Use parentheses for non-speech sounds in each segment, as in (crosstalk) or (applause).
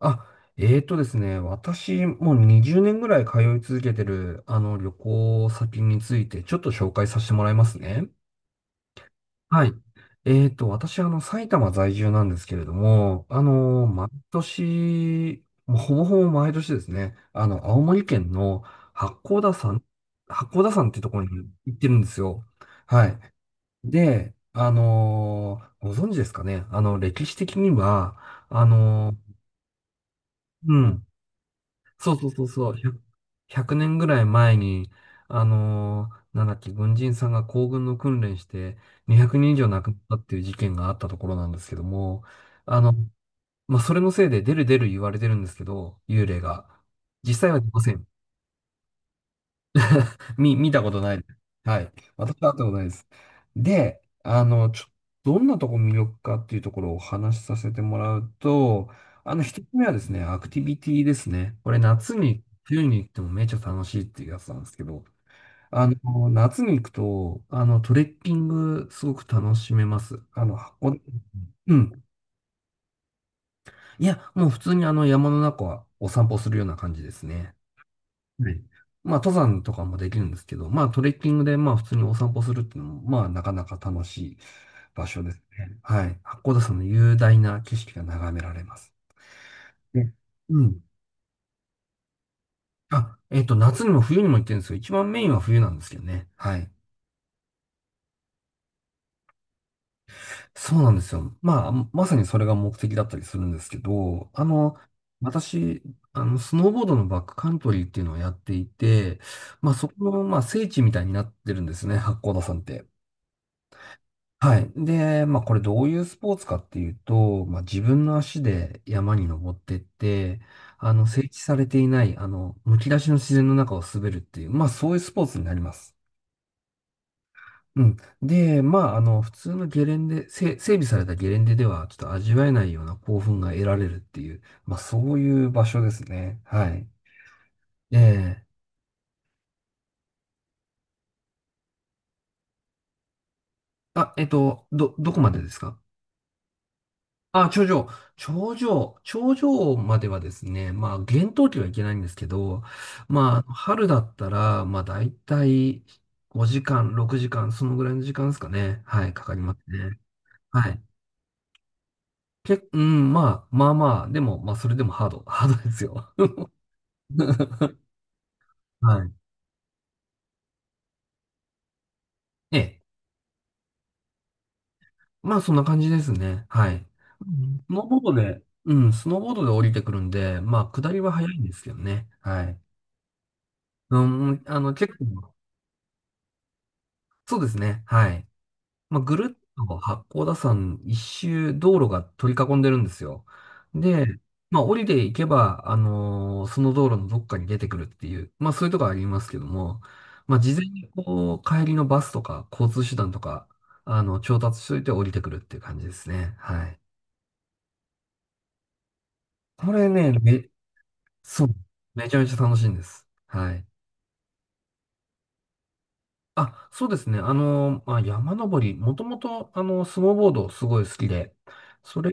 あ、えーとですね、私、もう20年ぐらい通い続けてる、旅行先について、ちょっと紹介させてもらいますね。はい。私、埼玉在住なんですけれども、毎年、もうほぼほぼ毎年ですね、青森県の八甲田山、八甲田山ってところに行ってるんですよ。はい。で、ご存知ですかね、歴史的には、あの、うん。そうそうそうそう、100年ぐらい前に、あのーなんだっけ、軍人さんが行軍の訓練して200人以上亡くなったっていう事件があったところなんですけども、あの、まあ、それのせいで出る出る言われてるんですけど、幽霊が。実際は出ません。見たことないです。はい。私は会ったことないです。で、あの、ちょ、どんなとこ魅力かっていうところをお話しさせてもらうと、一つ目はですね、アクティビティですね。これ夏に、冬に行ってもめちゃ楽しいっていうやつなんですけど、夏に行くと、トレッキングすごく楽しめます。あの、箱、うん。いや、もう普通にあの山の中はお散歩するような感じですね。はい。まあ、登山とかもできるんですけど、まあ、トレッキングで、まあ、普通にお散歩するっていうのも、まあ、なかなか楽しい場所ですね。はい。八甲田山の雄大な景色が眺められます。ねうん。あ、夏にも冬にも行ってるんですよ。一番メインは冬なんですけどね。はい。そうなんですよ。まあ、まさにそれが目的だったりするんですけど、私、スノーボードのバックカントリーっていうのをやっていて、まあ、そこの、まあ、聖地みたいになってるんですね、八甲田山って。はい。で、まあこれどういうスポーツかっていうと、まあ自分の足で山に登ってって、整地されていない、むき出しの自然の中を滑るっていう、まあそういうスポーツになります。うん。で、まあ普通のゲレンデ、整備されたゲレンデではちょっと味わえないような興奮が得られるっていう、まあそういう場所ですね。はい。ええ、あ、どこまでですか？あ、頂上。頂上。頂上まではですね、まあ、厳冬期はいけないんですけど、まあ、春だったら、まあ、だいたい5時間、6時間、そのぐらいの時間ですかね。はい、かかりますね。はい。うん、まあまあ、でも、まあ、それでもハード、(laughs) ハードですよ。(laughs) はい。ええ。まあ、そんな感じですね。はい。うんスノーボードで、うん、スノーボードで降りてくるんで、まあ、下りは早いんですけどね。はい。うん、あの、結構、そうですね。はい。まあ、ぐるっと八甲田山一周道路が取り囲んでるんですよ。で、まあ、降りていけば、その道路のどっかに出てくるっていう、まあ、そういうとこありますけども、まあ、事前にこう、帰りのバスとか交通手段とか、調達しといて降りてくるっていう感じですね。はい。これね、め、そう、めちゃめちゃ楽しいんです。はい。あ、そうですね。まあ、山登り、もともと、スノーボードすごい好きで、それ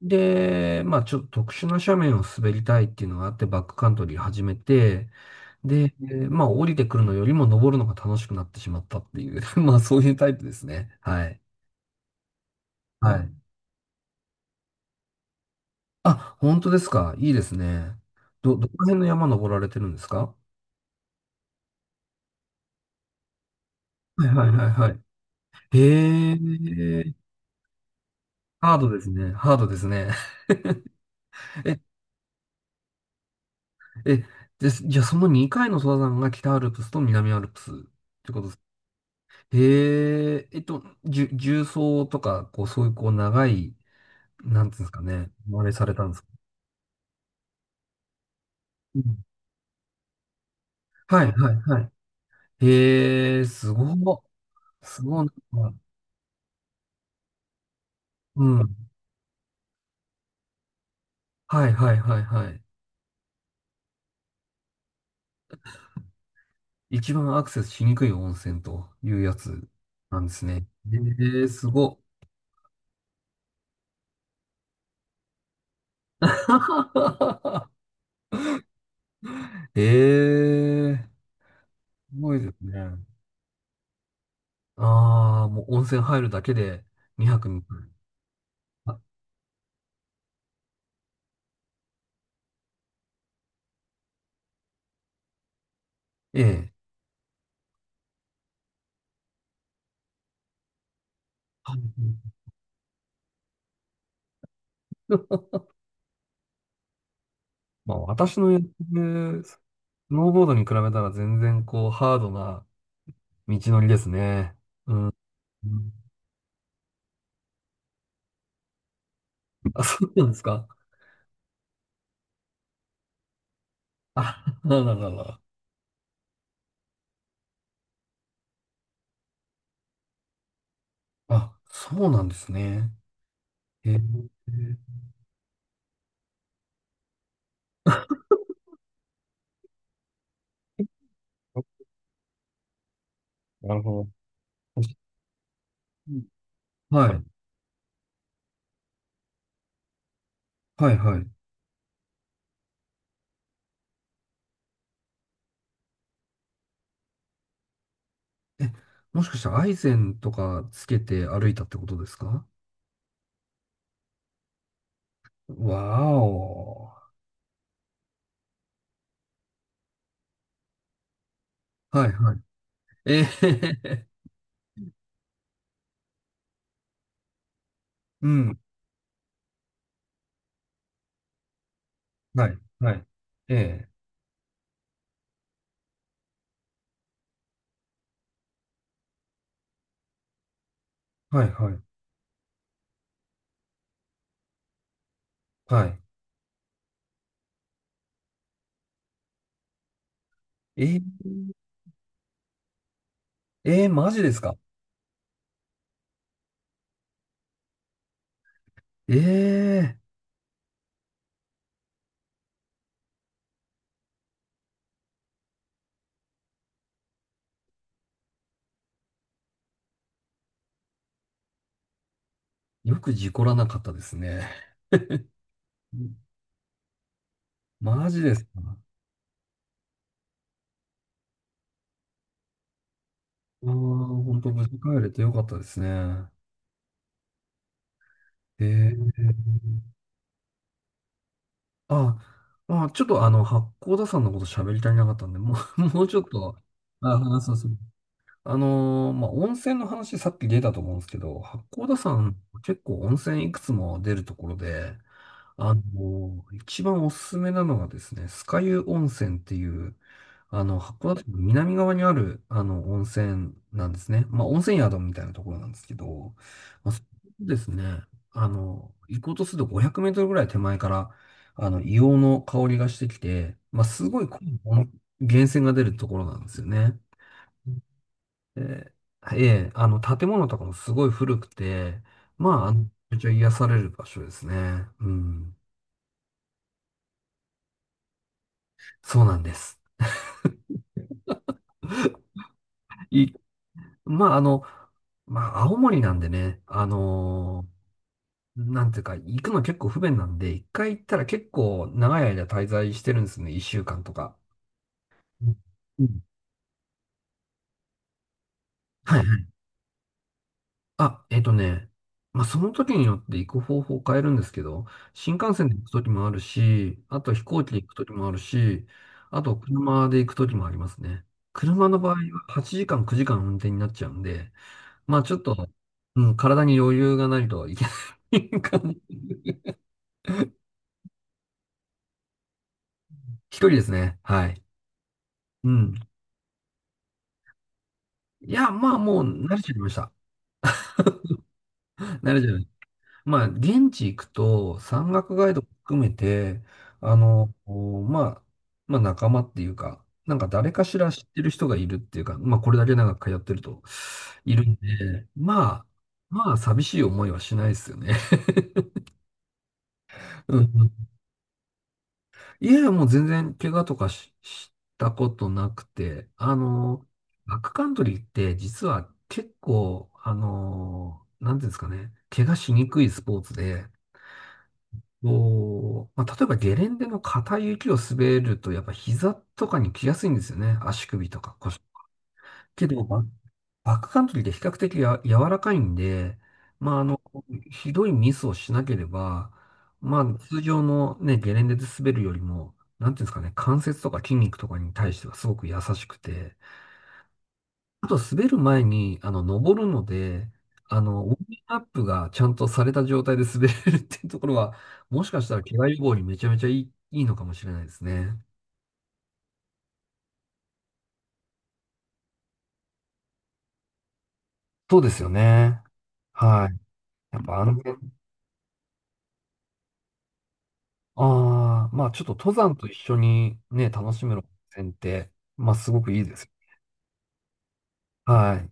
で、まあ、ちょっと特殊な斜面を滑りたいっていうのがあって、バックカントリー始めて、で、まあ、降りてくるのよりも登るのが楽しくなってしまったっていう、(laughs) まあ、そういうタイプですね。はい。はい。あ、本当ですか。いいですね。どこら辺の山登られてるんですか？はいはいはいはい。へえ、ハードですね。ハードですね。(laughs) え、じゃあその2回の登山が北アルプスと南アルプスってことです。へえ、重曹とか、こう、そういうこう、長い、なんていうんですかね、あれされたんですか。うん、はい、はい、はい。へえ、すごい、なんか。うん。はい、はい、はい、はい。一番アクセスしにくい温泉というやつなんですね。へえ、すごい (laughs) へえ、すごいですね。ああ、もう温泉入るだけで2泊3、いあ、ええ。(laughs) はい、まあ私のやってるスノーボードに比べたら全然こうハードな道のりですね。うん、 (laughs) あ、そうなんですか？ (laughs) あ、なるほど、なるほど。あ、そうなんですね。えー、 (laughs) なるほど。(laughs) はい、はい、はい。え、もしかしてアイゼンとかつけて歩いたってことですか？わーお。はい、はい。ええ、 (laughs) うん。はい、はい。ええ、はい、はい、はい。ええ、ええ、マジですか？ええ、よく事故らなかったですね。マジですか？ああー、本当無事帰れてよかったですね。ええ、あ、ちょっとあの、八甲田さんのこと喋り足りなかったんで、もう、(laughs) もうちょっと、あ、話そうそう。まあ、温泉の話さっき出たと思うんですけど、八甲田さん結構温泉いくつも出るところで、一番おすすめなのがですね、酸ヶ湯温泉っていう、函館の南側にある、温泉なんですね。まあ、温泉宿みたいなところなんですけど、まあ、そこですね、行こうとすると500メートルぐらい手前から、硫黄の香りがしてきて、まあ、すごい濃い源泉が出るところなんですよね。で、ええ、建物とかもすごい古くて、まあ、あのめちゃくちゃ癒される場所ですね。うん。そうなんです。い、まあ、あの、まあ、青森なんでね、なんていうか、行くの結構不便なんで、一回行ったら結構長い間滞在してるんですね。一週間とか。うんうん、はいはい。あ、まあ、その時によって行く方法を変えるんですけど、新幹線で行く時もあるし、あと飛行機で行く時もあるし、あと車で行く時もありますね。車の場合は8時間、9時間運転になっちゃうんで、まあちょっと、うん、体に余裕がないといけない (laughs) 感じ。一人ですね。はい。うん。いや、まあもう慣れちゃいました。慣れちゃいました。まあ現地行くと山岳ガイド含めて、こうまあ、まあ仲間っていうか、なんか誰かしら知ってる人がいるっていうか、まあこれだけ長く通ってるといるんで、まあ、まあ寂しい思いはしないですよね。(laughs) うん。いやいや、もう全然怪我とかし、したことなくて、バックカントリーって実は結構、なんていうんですかね、怪我しにくいスポーツで、こう、まあ、例えばゲレンデの硬い雪を滑ると、やっぱ膝とかに来やすいんですよね。足首とか腰。けど、バックカントリーって比較的柔らかいんで、まあ、ひどいミスをしなければ、まあ、通常のね、ゲレンデで滑るよりも、なんていうんですかね、関節とか筋肉とかに対してはすごく優しくて、あと滑る前に、登るので、ウォーミングアップがちゃんとされた状態で滑れるっていうところは、もしかしたら怪我予防にめちゃめちゃいいのかもしれないですね。そうですよね。はい。やっぱ安全ああ、まあちょっと登山と一緒にね、楽しむ線って、まあすごくいいです。はい。